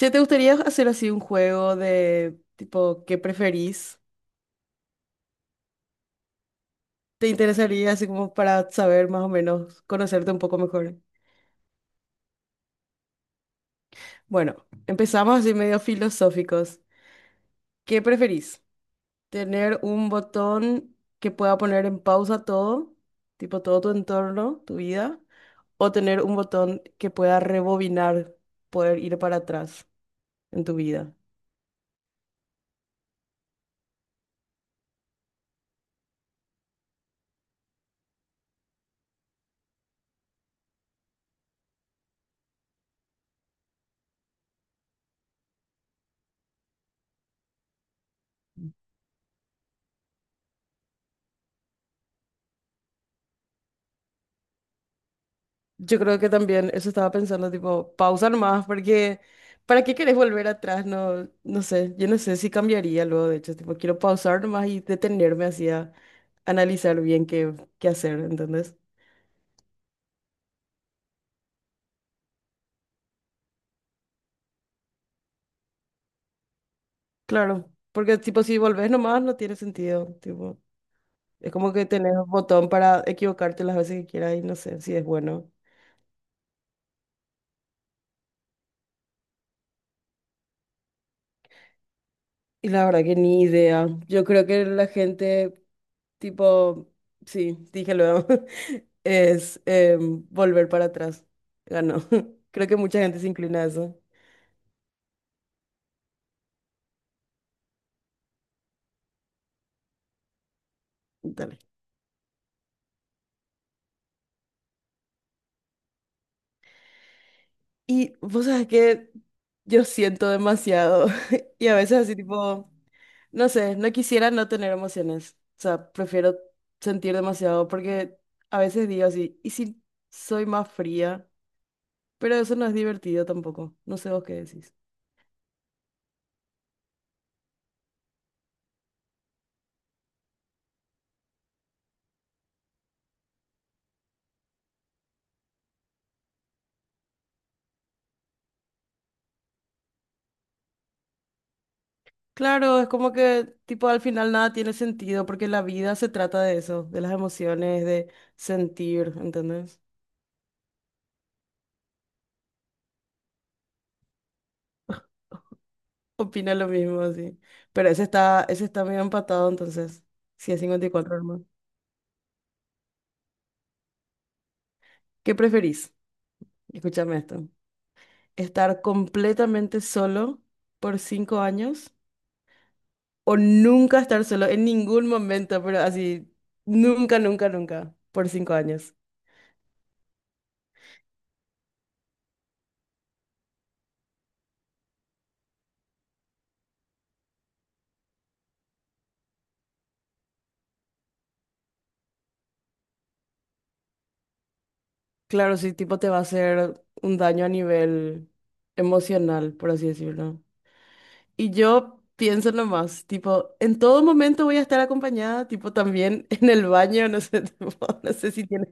Si te gustaría hacer así un juego de tipo, ¿qué preferís? ¿Te interesaría así como para saber más o menos, conocerte un poco mejor? Bueno, empezamos así medio filosóficos. ¿Qué preferís? ¿Tener un botón que pueda poner en pausa todo, tipo todo tu entorno, tu vida? ¿O tener un botón que pueda rebobinar, poder ir para atrás en tu vida? Yo creo que también eso estaba pensando, tipo, pausa nomás, porque ¿para qué querés volver atrás? No, no sé, yo no sé si cambiaría luego, de hecho, tipo, quiero pausar nomás y detenerme así a analizar bien qué, qué hacer, ¿entendés? Claro, porque tipo, si volvés nomás no tiene sentido, tipo, es como que tenés un botón para equivocarte las veces que quieras y no sé si es bueno. Y la verdad que ni idea. Yo creo que la gente, tipo, sí, dije luego, es volver para atrás. Ganó. Creo que mucha gente se inclina a eso. Dale. Y vos sabés que yo siento demasiado. Y a veces así, tipo, no sé, no quisiera no tener emociones. O sea, prefiero sentir demasiado porque a veces digo así, ¿y si soy más fría? Pero eso no es divertido tampoco. No sé vos qué decís. Claro, es como que tipo al final nada tiene sentido porque la vida se trata de eso, de las emociones, de sentir, ¿entendés? Opina lo mismo, sí. Pero ese está medio empatado entonces. Si es 54 hermano. ¿Qué preferís? Escúchame esto. ¿Estar completamente solo por 5 años o nunca estar solo en ningún momento, pero así, nunca, nunca, nunca, por 5 años? Claro, sí, tipo te va a hacer un daño a nivel emocional, por así decirlo. Y yo pienso nomás, tipo, en todo momento voy a estar acompañada, tipo, también en el baño, no sé, tipo, no sé si tienes,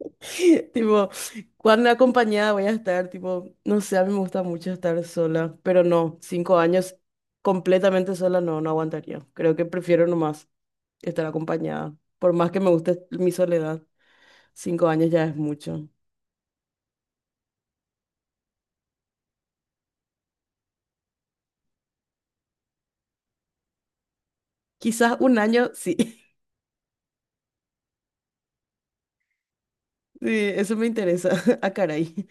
tipo, cuán acompañada voy a estar, tipo, no sé, a mí me gusta mucho estar sola, pero no, 5 años completamente sola no, no aguantaría. Creo que prefiero nomás estar acompañada, por más que me guste mi soledad, 5 años ya es mucho. Quizás un año, sí. Sí, eso me interesa. Ah, caray.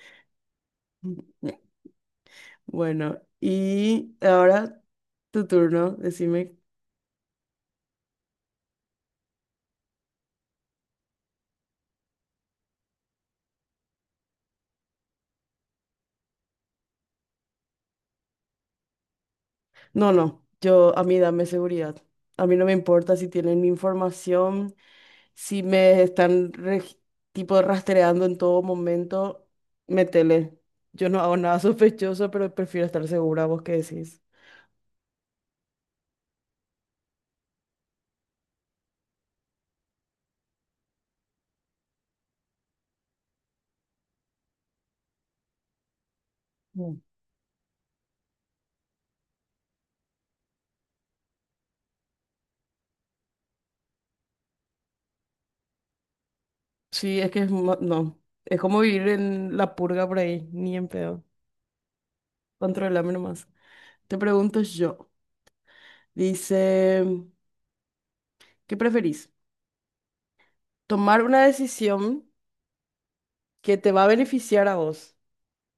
Bueno, y ahora tu turno, decime. No, no, yo a mí dame seguridad. A mí no me importa si tienen mi información, si me están tipo rastreando en todo momento, métele. Yo no hago nada sospechoso, pero prefiero estar segura, ¿vos qué decís? Mm. Sí, es que no, es como vivir en la purga por ahí, ni en pedo. Controlame nomás. Te pregunto yo. Dice, ¿qué preferís? Tomar una decisión que te va a beneficiar a vos,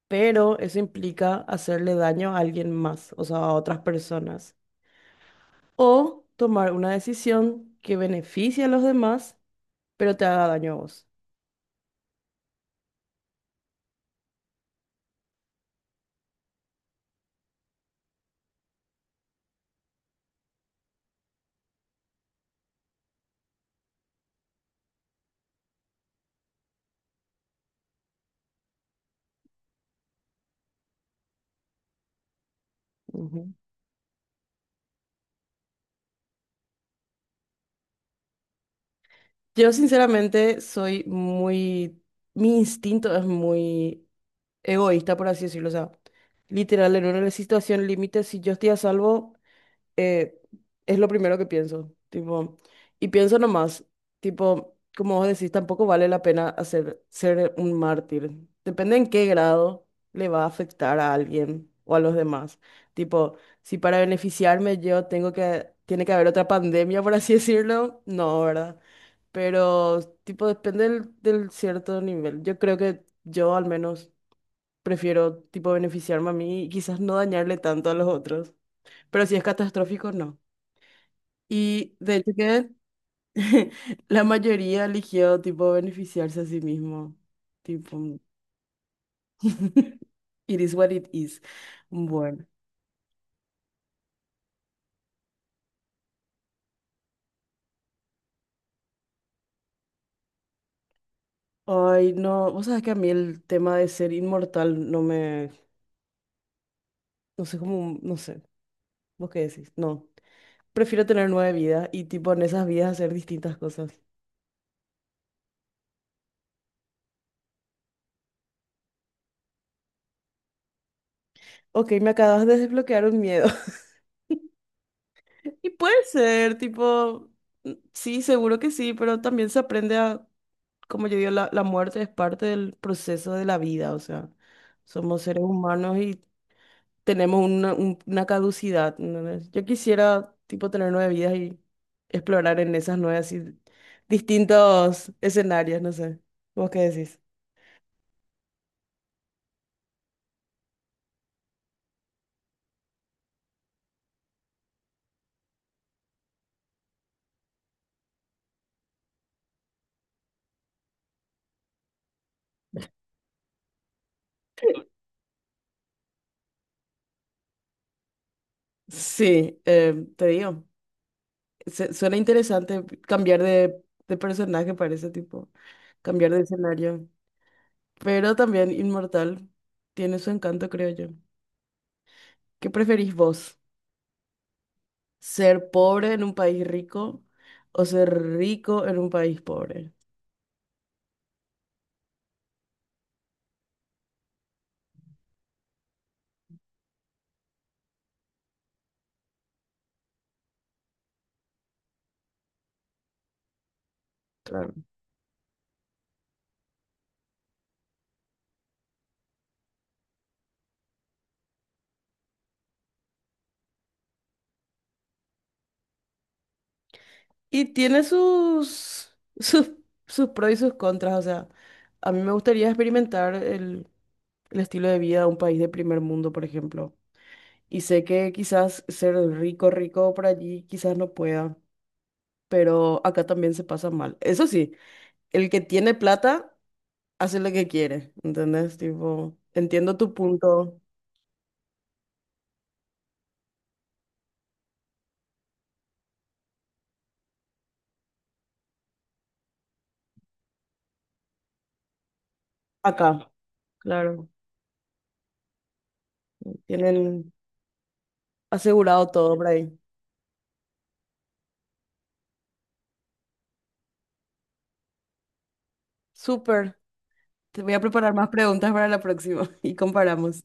pero eso implica hacerle daño a alguien más, o sea, a otras personas. O tomar una decisión que beneficie a los demás, pero te haga daño a vos. Ujú. Yo sinceramente soy muy, mi instinto es muy egoísta, por así decirlo. O sea, literal, en una situación límite, si yo estoy a salvo... eh, es lo primero que pienso, tipo, y pienso nomás, tipo, como vos decís, tampoco vale la pena hacer, ser un mártir. Depende en qué grado le va a afectar a alguien o a los demás. Tipo, si para beneficiarme yo tengo que, tiene que haber otra pandemia, por así decirlo, no, ¿verdad? Pero, tipo, depende del cierto nivel. Yo creo que yo al menos prefiero, tipo, beneficiarme a mí y quizás no dañarle tanto a los otros. Pero si es catastrófico, no. Y de hecho que la mayoría eligió tipo beneficiarse a sí mismo. Tipo, it is what it is. Bueno. Ay, no, vos sabés que a mí el tema de ser inmortal no me, no sé cómo, no sé, vos qué decís, no. Prefiero tener nueve vidas y tipo en esas vidas hacer distintas cosas. Ok, me acabas de desbloquear un miedo. Y puede ser, tipo, mm, sí, seguro que sí, pero también se aprende a como yo digo, la muerte es parte del proceso de la vida, o sea, somos seres humanos y tenemos una, una caducidad. ¿Entendés? Yo quisiera, tipo, tener nueve vidas y explorar en esas nueve, así, distintos escenarios, no sé. ¿Vos qué decís? Sí, te digo, suena interesante cambiar de personaje para ese tipo, cambiar de escenario, pero también inmortal tiene su encanto, creo yo. ¿Qué preferís vos? Ser pobre en un país rico o ser rico en un país pobre. Claro. Y tiene sus, sus pros y sus contras. O sea, a mí me gustaría experimentar el estilo de vida de un país de primer mundo, por ejemplo. Y sé que quizás ser rico, rico por allí, quizás no pueda, pero acá también se pasa mal. Eso sí, el que tiene plata hace lo que quiere, ¿entendés? Tipo, entiendo tu punto acá, claro. Tienen asegurado todo, Bray. Súper. Te voy a preparar más preguntas para la próxima y comparamos.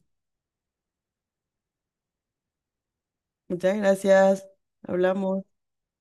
Muchas gracias. Hablamos.